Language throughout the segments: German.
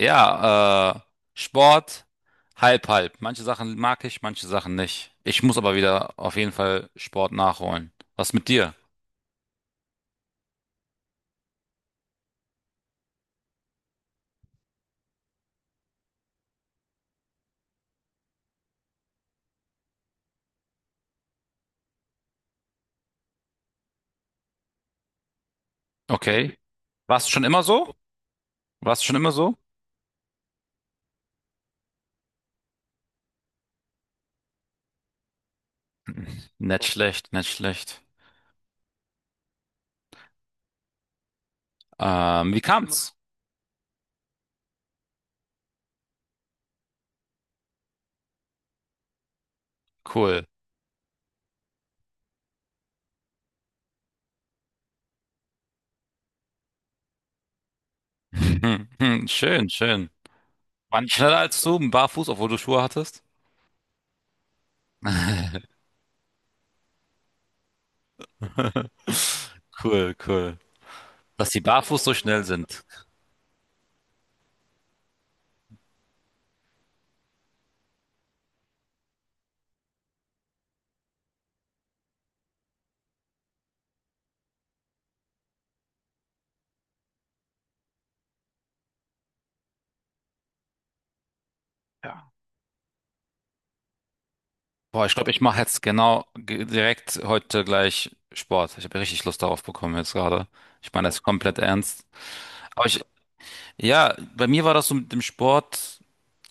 Ja, Sport, halb, halb. Manche Sachen mag ich, manche Sachen nicht. Ich muss aber wieder auf jeden Fall Sport nachholen. Was mit dir? Okay. Warst du schon immer so? Warst du schon immer so? Nicht schlecht, nicht schlecht. Wie kam's? Cool. Hm, hm, schön, schön. War die schneller als du, barfuß, obwohl du Schuhe hattest? Cool, cool. Dass die barfuß so schnell sind. Boah, ich glaube, ich mache jetzt direkt heute gleich Sport. Ich habe richtig Lust darauf bekommen jetzt gerade. Ich meine das komplett ernst. Aber ja, bei mir war das so mit dem Sport.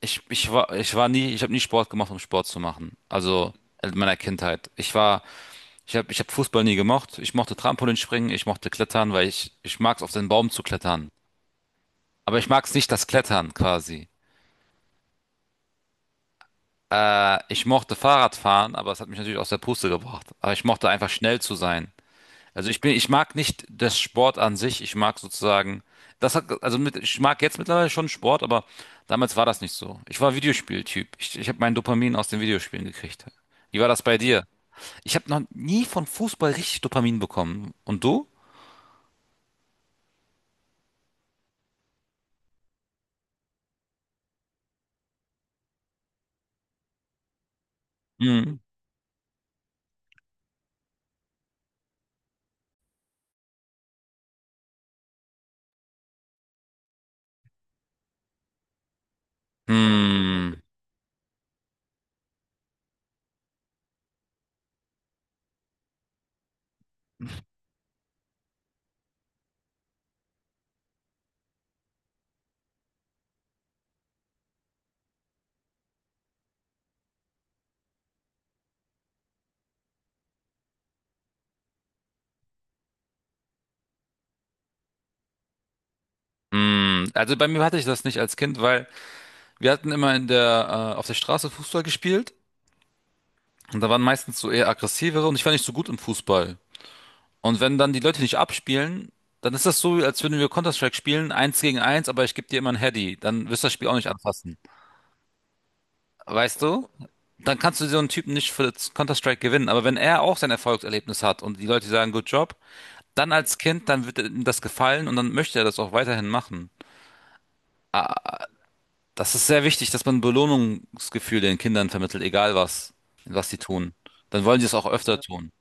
Ich habe nie Sport gemacht, um Sport zu machen. Also in meiner Kindheit. Ich habe Fußball nie gemocht. Ich mochte Trampolinspringen, ich mochte Klettern, weil ich mag es auf den Baum zu klettern. Aber ich mag es nicht, das Klettern quasi. Ich mochte Fahrradfahren, aber es hat mich natürlich aus der Puste gebracht. Aber ich mochte einfach schnell zu sein. Also ich mag nicht das Sport an sich. Ich mag sozusagen, das hat, also mit, ich mag jetzt mittlerweile schon Sport, aber damals war das nicht so. Ich war Videospieltyp. Ich habe mein Dopamin aus den Videospielen gekriegt. Wie war das bei dir? Ich habe noch nie von Fußball richtig Dopamin bekommen. Und du? Hm. Hm. Hm. Also bei mir hatte ich das nicht als Kind, weil wir hatten immer auf der Straße Fußball gespielt. Und da waren meistens so eher aggressivere und ich war nicht so gut im Fußball. Und wenn dann die Leute nicht abspielen, dann ist das so, als würden wir Counter-Strike spielen, eins gegen eins, aber ich gebe dir immer ein Heady. Dann wirst du das Spiel auch nicht anfassen. Weißt du? Dann kannst du so einen Typen nicht für das Counter-Strike gewinnen. Aber wenn er auch sein Erfolgserlebnis hat und die Leute sagen, good job, dann als Kind, dann wird ihm das gefallen und dann möchte er das auch weiterhin machen. Das ist sehr wichtig, dass man Belohnungsgefühl den Kindern vermittelt, egal was, was sie tun. Dann wollen sie es auch öfter tun.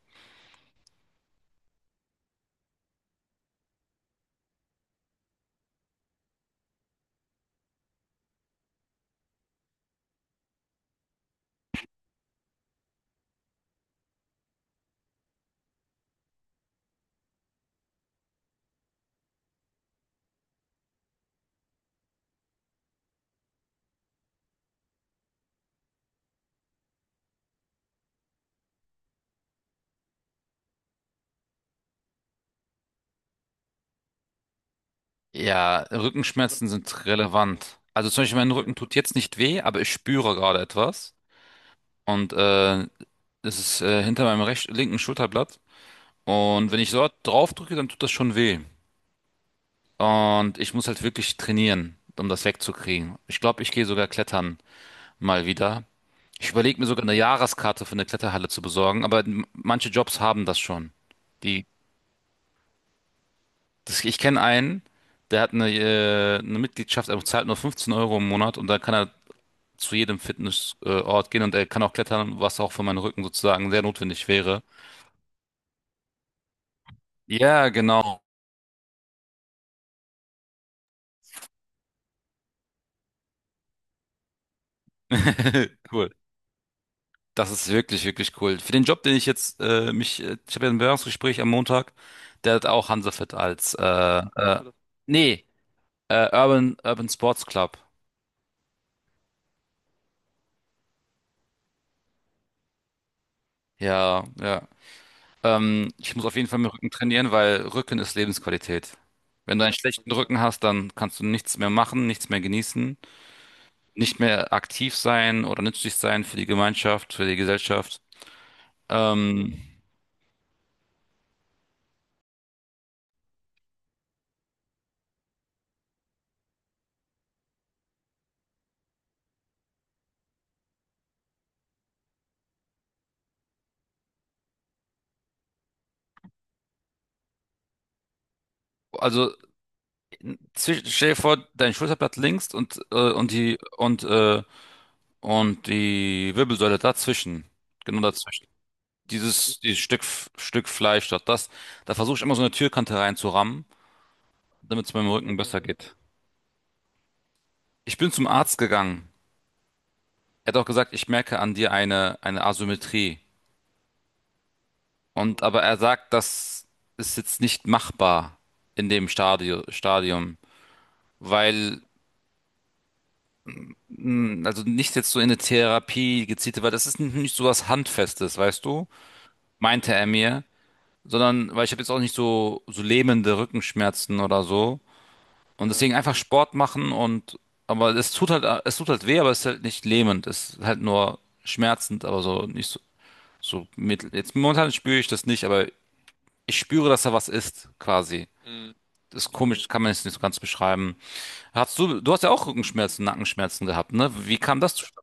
Ja, Rückenschmerzen sind relevant. Also zum Beispiel mein Rücken tut jetzt nicht weh, aber ich spüre gerade etwas. Und es ist hinter meinem linken Schulterblatt. Und wenn ich dort drauf drücke, dann tut das schon weh. Und ich muss halt wirklich trainieren, um das wegzukriegen. Ich glaube, ich gehe sogar klettern mal wieder. Ich überlege mir sogar eine Jahreskarte für eine Kletterhalle zu besorgen, aber manche Jobs haben das schon. Die, Ich kenne einen, der hat eine Mitgliedschaft, er zahlt nur 15 € im Monat und da kann er zu jedem Fitnessort gehen und er kann auch klettern, was auch für meinen Rücken sozusagen sehr notwendig wäre. Ja, genau. Cool. Das ist wirklich, wirklich cool. Für den Job, den ich jetzt mich, ich habe ja ein Bewerbungsgespräch am Montag, der hat auch Hansafit als äh, nee, Urban Sports Club. Ja, ja. Ich muss auf jeden Fall meinen Rücken trainieren, weil Rücken ist Lebensqualität. Wenn du einen schlechten Rücken hast, dann kannst du nichts mehr machen, nichts mehr genießen, nicht mehr aktiv sein oder nützlich sein für die Gemeinschaft, für die Gesellschaft. Ähm, also Stell dir vor, dein Schulterblatt links und und die Wirbelsäule dazwischen, genau dazwischen. Dieses Stück Fleisch dort, da versuche ich immer so eine Türkante reinzurammen, damit es meinem Rücken besser geht. Ich bin zum Arzt gegangen. Er hat auch gesagt, ich merke an dir eine Asymmetrie. Und aber er sagt, das ist jetzt nicht machbar in dem Stadio Stadium, weil mh, also nicht jetzt so in eine Therapie gezielte, weil das ist nicht so was Handfestes, weißt du? Meinte er mir, sondern weil ich habe jetzt auch nicht so so lähmende Rückenschmerzen oder so und deswegen einfach Sport machen und aber es tut halt weh, aber es ist halt nicht lähmend, es ist halt nur schmerzend, aber so nicht so mittel. Jetzt momentan spüre ich das nicht, aber ich spüre, dass da was ist, quasi. Das ist komisch, kann man jetzt nicht so ganz beschreiben. Du hast ja auch Rückenschmerzen, Nackenschmerzen gehabt, ne? Wie kam das zustande?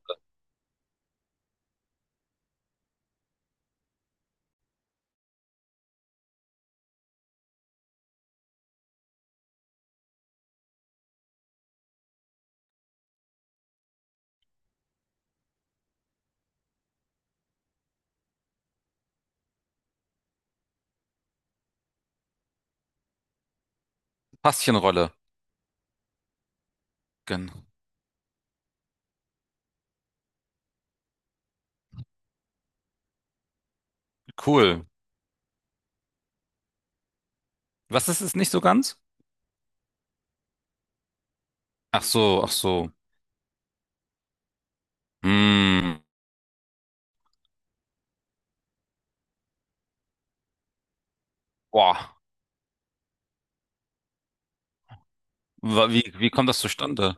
Faszienrolle. Gen- Cool. Was ist es nicht so ganz? Ach so, ach so. Hm. Boah. Wie kommt das zustande?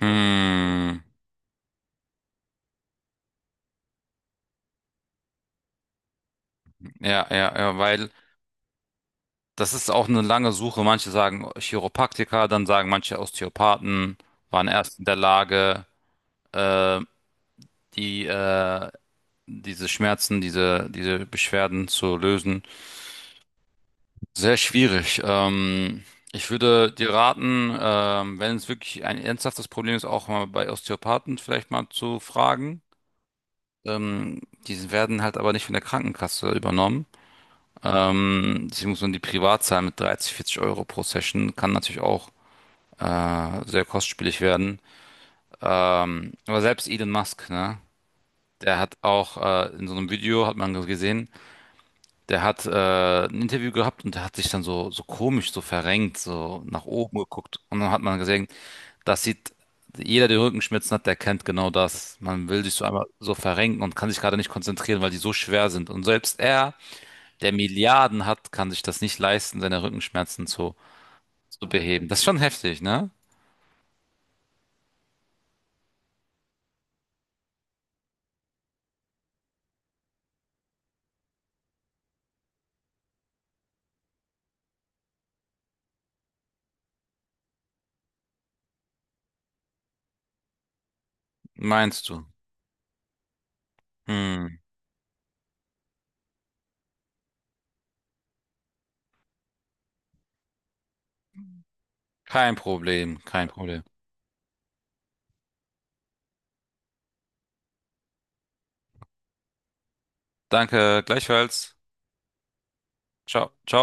Hm. Ja, ja, ja, weil das ist auch eine lange Suche. Manche sagen Chiropraktiker, dann sagen manche Osteopathen waren erst in der Lage, äh, die, äh, diese Beschwerden zu lösen. Sehr schwierig. Ich würde dir raten, wenn es wirklich ein ernsthaftes Problem ist, auch mal bei Osteopathen vielleicht mal zu fragen. Ähm, Die werden halt aber nicht von der Krankenkasse übernommen. Deswegen muss man die privat zahlen mit 30, 40 € pro Session. Kann natürlich auch sehr kostspielig werden. Aber selbst Elon Musk, ne? Der hat auch in so einem Video, hat man gesehen, der hat ein Interview gehabt und der hat sich dann so, so komisch, so verrenkt, so nach oben geguckt. Und dann hat man gesehen, das sieht, jeder, der Rückenschmerzen hat, der kennt genau das. Man will sich so einmal so verrenken und kann sich gerade nicht konzentrieren, weil die so schwer sind. Und selbst er, der Milliarden hat, kann sich das nicht leisten, seine zu beheben. Das ist schon heftig, ne? Meinst du? Hm, kein Problem, kein Problem. Danke, gleichfalls. Ciao, ciao.